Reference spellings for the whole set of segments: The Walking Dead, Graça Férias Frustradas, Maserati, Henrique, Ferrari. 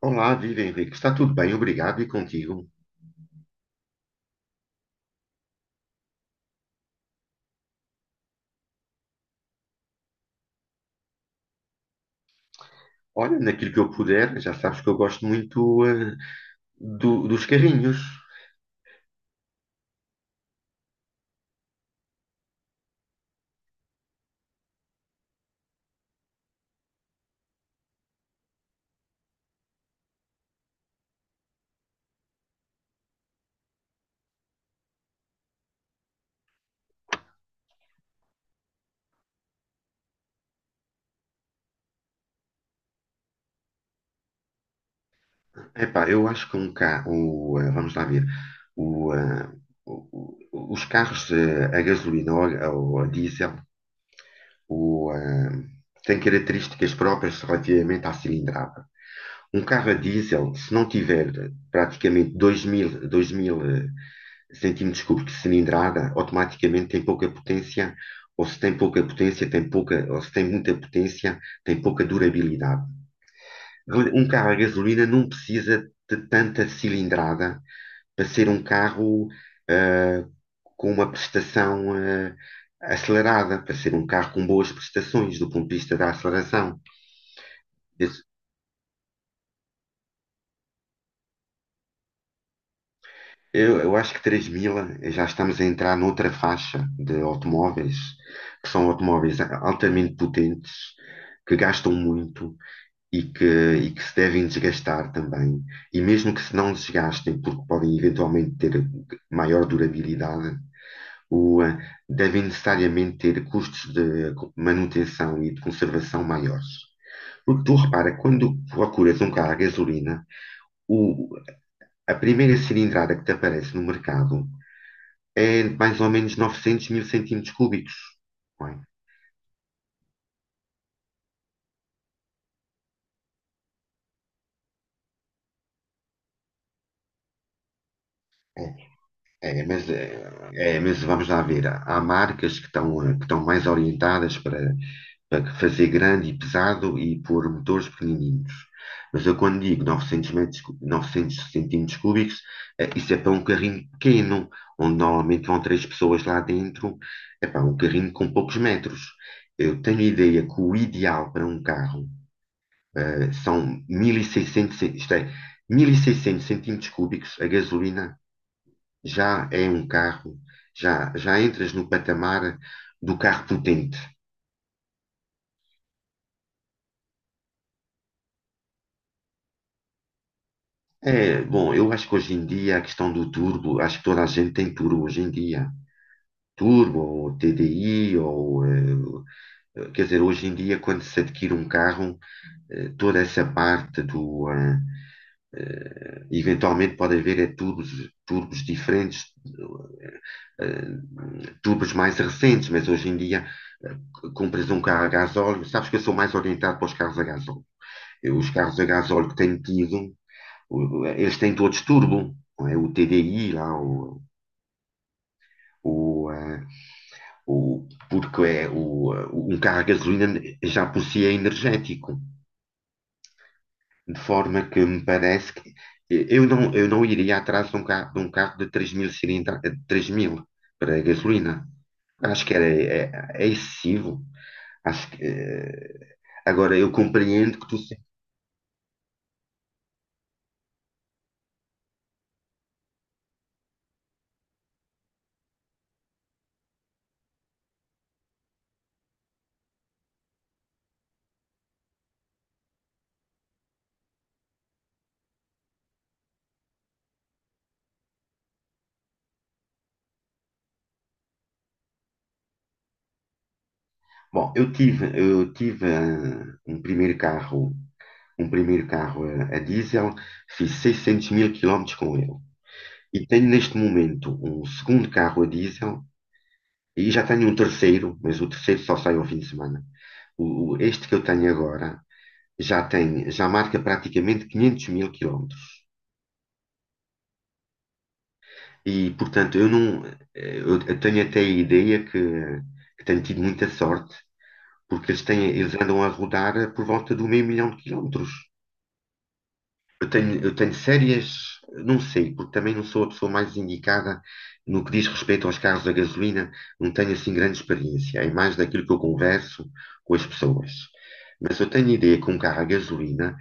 Olá, viva Henrique. Está tudo bem, obrigado. E contigo? Olha, naquilo que eu puder, já sabes que eu gosto muito dos carrinhos. Epá, eu acho que um carro, vamos lá ver, o, eh, o- os carros a gasolina ou a diesel o, eh, têm características próprias relativamente à cilindrada. Um carro a diesel, se não tiver praticamente 2.000, sentimos desculpe que cilindrada automaticamente tem pouca potência, ou se tem pouca potência, tem pouca, ou se tem muita potência, tem pouca durabilidade. Um carro a gasolina não precisa de tanta cilindrada para ser um carro ah, com uma prestação acelerada, para ser um carro com boas prestações do ponto de vista da aceleração. Desde eu acho que 3 mil já estamos a entrar noutra faixa de automóveis, que são automóveis altamente potentes, que gastam muito e que, e que se devem desgastar também. E mesmo que se não desgastem, porque podem eventualmente ter maior durabilidade, o, eh, devem necessariamente ter custos de manutenção e de conservação maiores. Porque tu repara, quando procuras um carro a gasolina, o- a primeira cilindrada que te aparece no mercado é mais ou menos 900 mil centímetros cúbicos, não é? É, mas vamos lá ver. Há marcas que que estão mais orientadas para fazer grande e pesado e pôr motores pequenininhos. Mas eu quando digo 900 metros, 900 centímetros cúbicos, isso é para um carrinho pequeno, onde normalmente vão três pessoas lá dentro. É para um carrinho com poucos metros. Eu tenho ideia que o ideal para um carro são 1600, isto é, 1600 centímetros cúbicos, a gasolina já é um carro, já entras no patamar do carro potente. É, bom, eu acho que hoje em dia a questão do turbo, acho que toda a gente tem turbo hoje em dia. Turbo, ou TDI, quer dizer, hoje em dia quando se adquire um carro, toda essa parte do, eventualmente pode haver turbos diferentes, tubos mais recentes, mas hoje em dia compras um carro a gasóleo, sabes que eu sou mais orientado para os carros a gasóleo. Eu, os carros a gasóleo que tenho tido, eles têm todos turbo, não é? O TDI lá, o, ah, porque é um carro a gasolina já por si é energético, de forma que me parece que eu não iria atrás de um carro de 3 mil cilindrada, para a gasolina. Acho que era, é excessivo. Acho que, agora, eu compreendo que tu. Bom, eu tive um primeiro carro a diesel, fiz 600 mil quilómetros com ele. E tenho neste momento um segundo carro a diesel e já tenho um terceiro, mas o terceiro só sai ao fim de semana. Este que eu tenho agora já tem, já marca praticamente 500 mil quilómetros. E, portanto, eu não, eu tenho até a ideia que tenho tido muita sorte porque eles andam a rodar por volta do meio milhão de quilómetros. Eu tenho sérias, não sei, porque também não sou a pessoa mais indicada no que diz respeito aos carros a gasolina, não tenho assim grande experiência, é mais daquilo que eu converso com as pessoas. Mas eu tenho ideia que um carro a gasolina,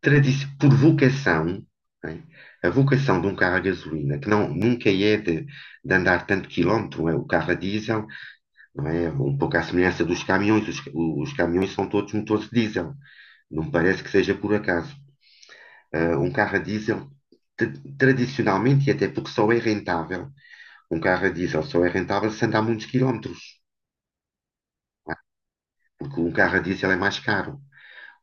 por vocação, né, a vocação de um carro a gasolina, que não, nunca é de andar tanto quilómetro, é o carro a diesel, não é? Um pouco à semelhança dos caminhões, os caminhões são todos motores diesel. Não me parece que seja por acaso. Um carro a diesel, tra- tradicionalmente, e até porque só é rentável, um carro a diesel só é rentável se andar muitos quilómetros, porque um carro a diesel é mais caro.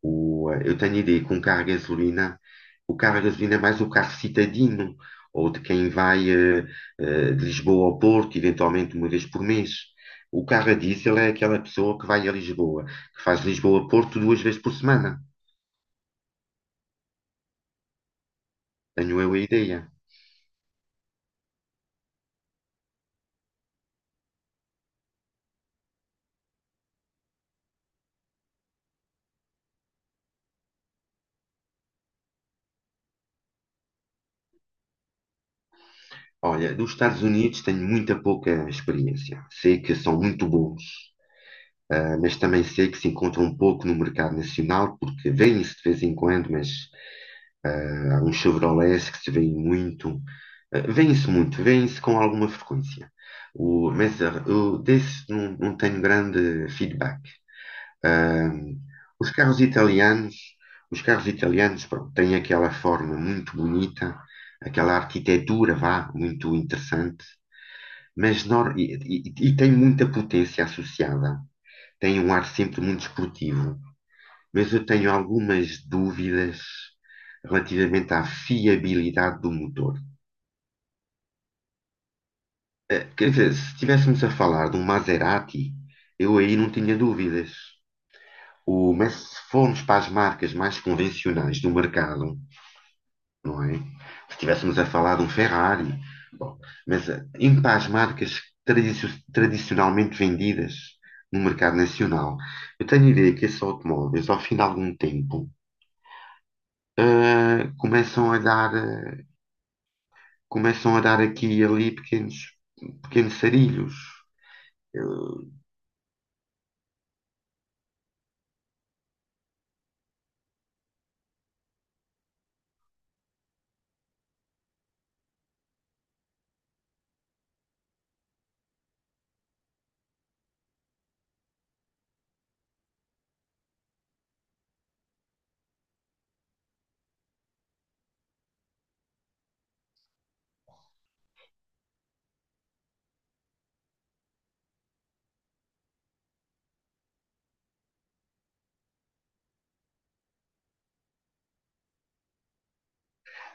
Eu tenho a ideia que um carro a gasolina, o carro a gasolina é mais o carro citadino, ou de quem vai de Lisboa ao Porto, eventualmente uma vez por mês. O carro a diesel é aquela pessoa que vai a Lisboa, que faz Lisboa-Porto duas vezes por semana. Tenho eu a ideia. Olha, dos Estados Unidos tenho muita pouca experiência. Sei que são muito bons, mas também sei que se encontram um pouco no mercado nacional, porque vêm se de vez em quando, mas há uns Chevrolets que se vêem muito. Vêem-se muito, vêm se com alguma frequência. Mas, eu desse não tenho grande feedback. Ah, os carros italianos, pronto, têm aquela forma muito bonita, aquela arquitetura, vá, muito interessante. Mas e tem muita potência associada. Tem um ar sempre muito esportivo. Mas eu tenho algumas dúvidas relativamente à fiabilidade do motor. Quer dizer, se estivéssemos a falar de um Maserati, eu aí não tinha dúvidas. Mas se formos para as marcas mais convencionais do mercado, não é? Se estivéssemos a falar de um Ferrari. Bom, mas em paz marcas tradicionalmente vendidas no mercado nacional, eu tenho a ideia que esses automóveis, ao fim de algum tempo, começam a dar, aqui e ali pequenos sarilhos.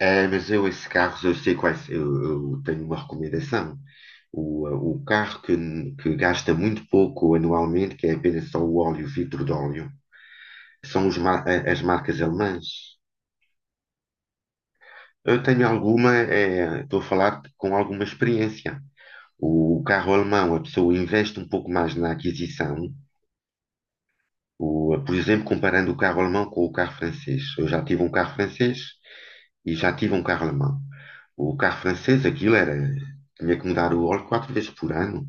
Mas eu, esses carros, eu sei quais, eu tenho uma recomendação. O carro que gasta muito pouco anualmente, que é apenas só o óleo, o vidro de óleo. São as marcas alemãs. Eu tenho alguma, estou a falar com alguma experiência. O carro alemão, a pessoa investe um pouco mais na aquisição. Por exemplo, comparando o carro alemão com o carro francês. Eu já tive um carro francês e já tive um carro alemão. O carro francês, aquilo era, tinha que mudar o óleo quatro vezes por ano.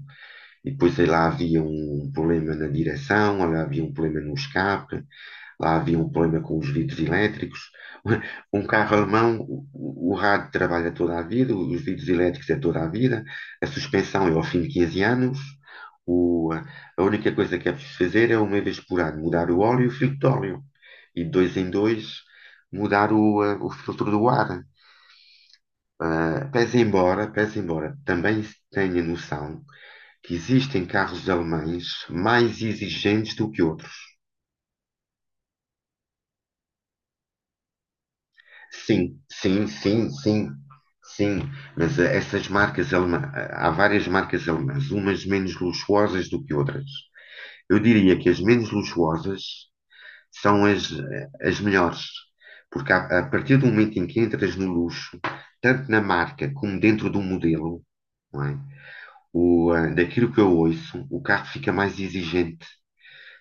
E depois aí lá havia um problema na direção, lá havia um problema no escape. Lá havia um problema com os vidros elétricos. Um carro alemão, o rádio trabalha toda a vida, os vidros elétricos é toda a vida, a suspensão é ao fim de 15 anos. O- a única coisa que é preciso fazer é uma vez por ano mudar o óleo e o filtro de óleo. E de dois em dois mudar o filtro do ar. Pese embora, também tenha noção que existem carros alemães mais exigentes do que outros. Sim, sim, sim, sim, sim. Mas essas marcas alemã, há várias marcas alemãs, umas menos luxuosas do que outras. Eu diria que as menos luxuosas são as melhores, porque a partir do momento em que entras no luxo, tanto na marca como dentro do modelo, não é? Daquilo que eu ouço, o carro fica mais exigente.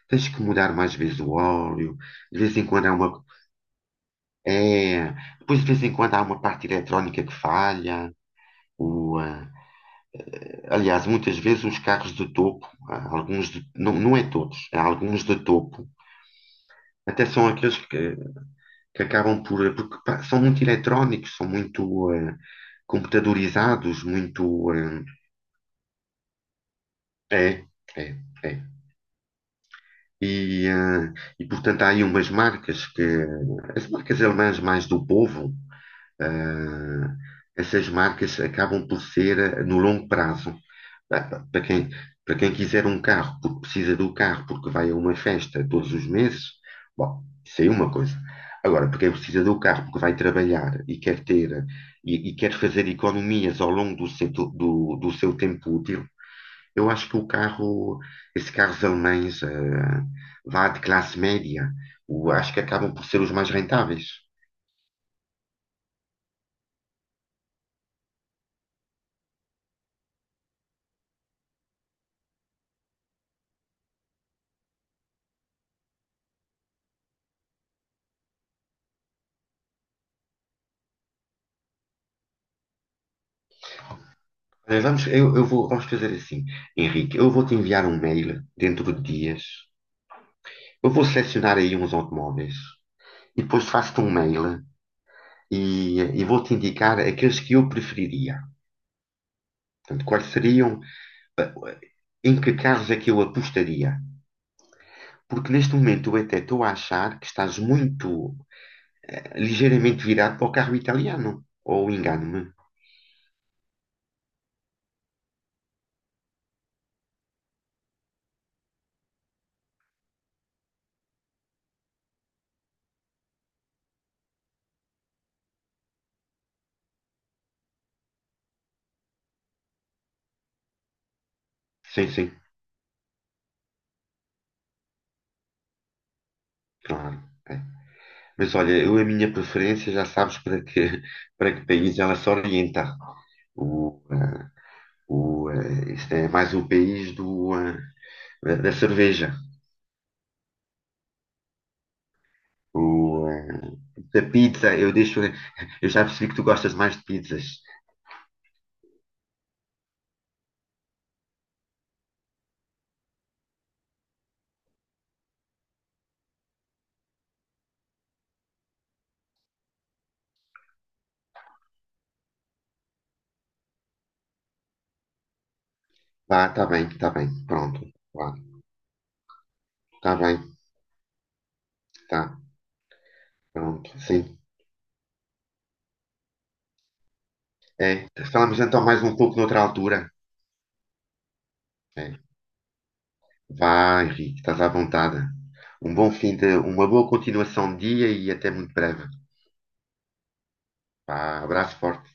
Tens que mudar mais vezes o óleo, de vez em quando é, depois de vez em quando há uma parte eletrónica que falha. O, ah, aliás, muitas vezes os carros de topo, alguns não, não é todos, há alguns de topo, até são aqueles que acabam por, porque pá, são muito eletrónicos, são muito computadorizados, muito, é, é, é. E, ah, e portanto há aí umas marcas que, as marcas alemãs mais do povo, ah, essas marcas acabam por ser no longo prazo. Ah, pá, para quem quiser um carro, porque precisa do carro, porque vai a uma festa todos os meses, bom, isso aí é uma coisa. Agora, para quem precisa do carro, porque vai trabalhar e quer fazer economias ao longo do seu, do seu tempo útil, eu acho que o carro, esses carros alemães, vá de classe média, acho que acabam por ser os mais rentáveis. Vamos fazer assim, Henrique, eu vou te enviar um mail dentro de dias. Eu vou selecionar aí uns automóveis e depois faço-te um mail e vou-te indicar aqueles que eu preferiria. Portanto, quais seriam, eh, em que carros é que eu apostaria? Porque neste momento eu até estou a achar que estás ligeiramente virado para o carro italiano. Ou engano-me? Sim, sim, claro. É. Mas olha, eu a minha preferência já sabes para que, para que país ela se orienta. O, eh, este é mais o país do, da cerveja. O, eh, da pizza, eu deixo. Eu já percebi que tu gostas mais de pizzas. Tá bem, tá bem, pronto. Vá, tá bem, tá, pronto, sim. É, falamos então mais um pouco noutra altura. É. Vá, Henrique, estás à vontade. Um bom fim de, uma boa continuação de dia e até muito breve. Vá, abraço forte.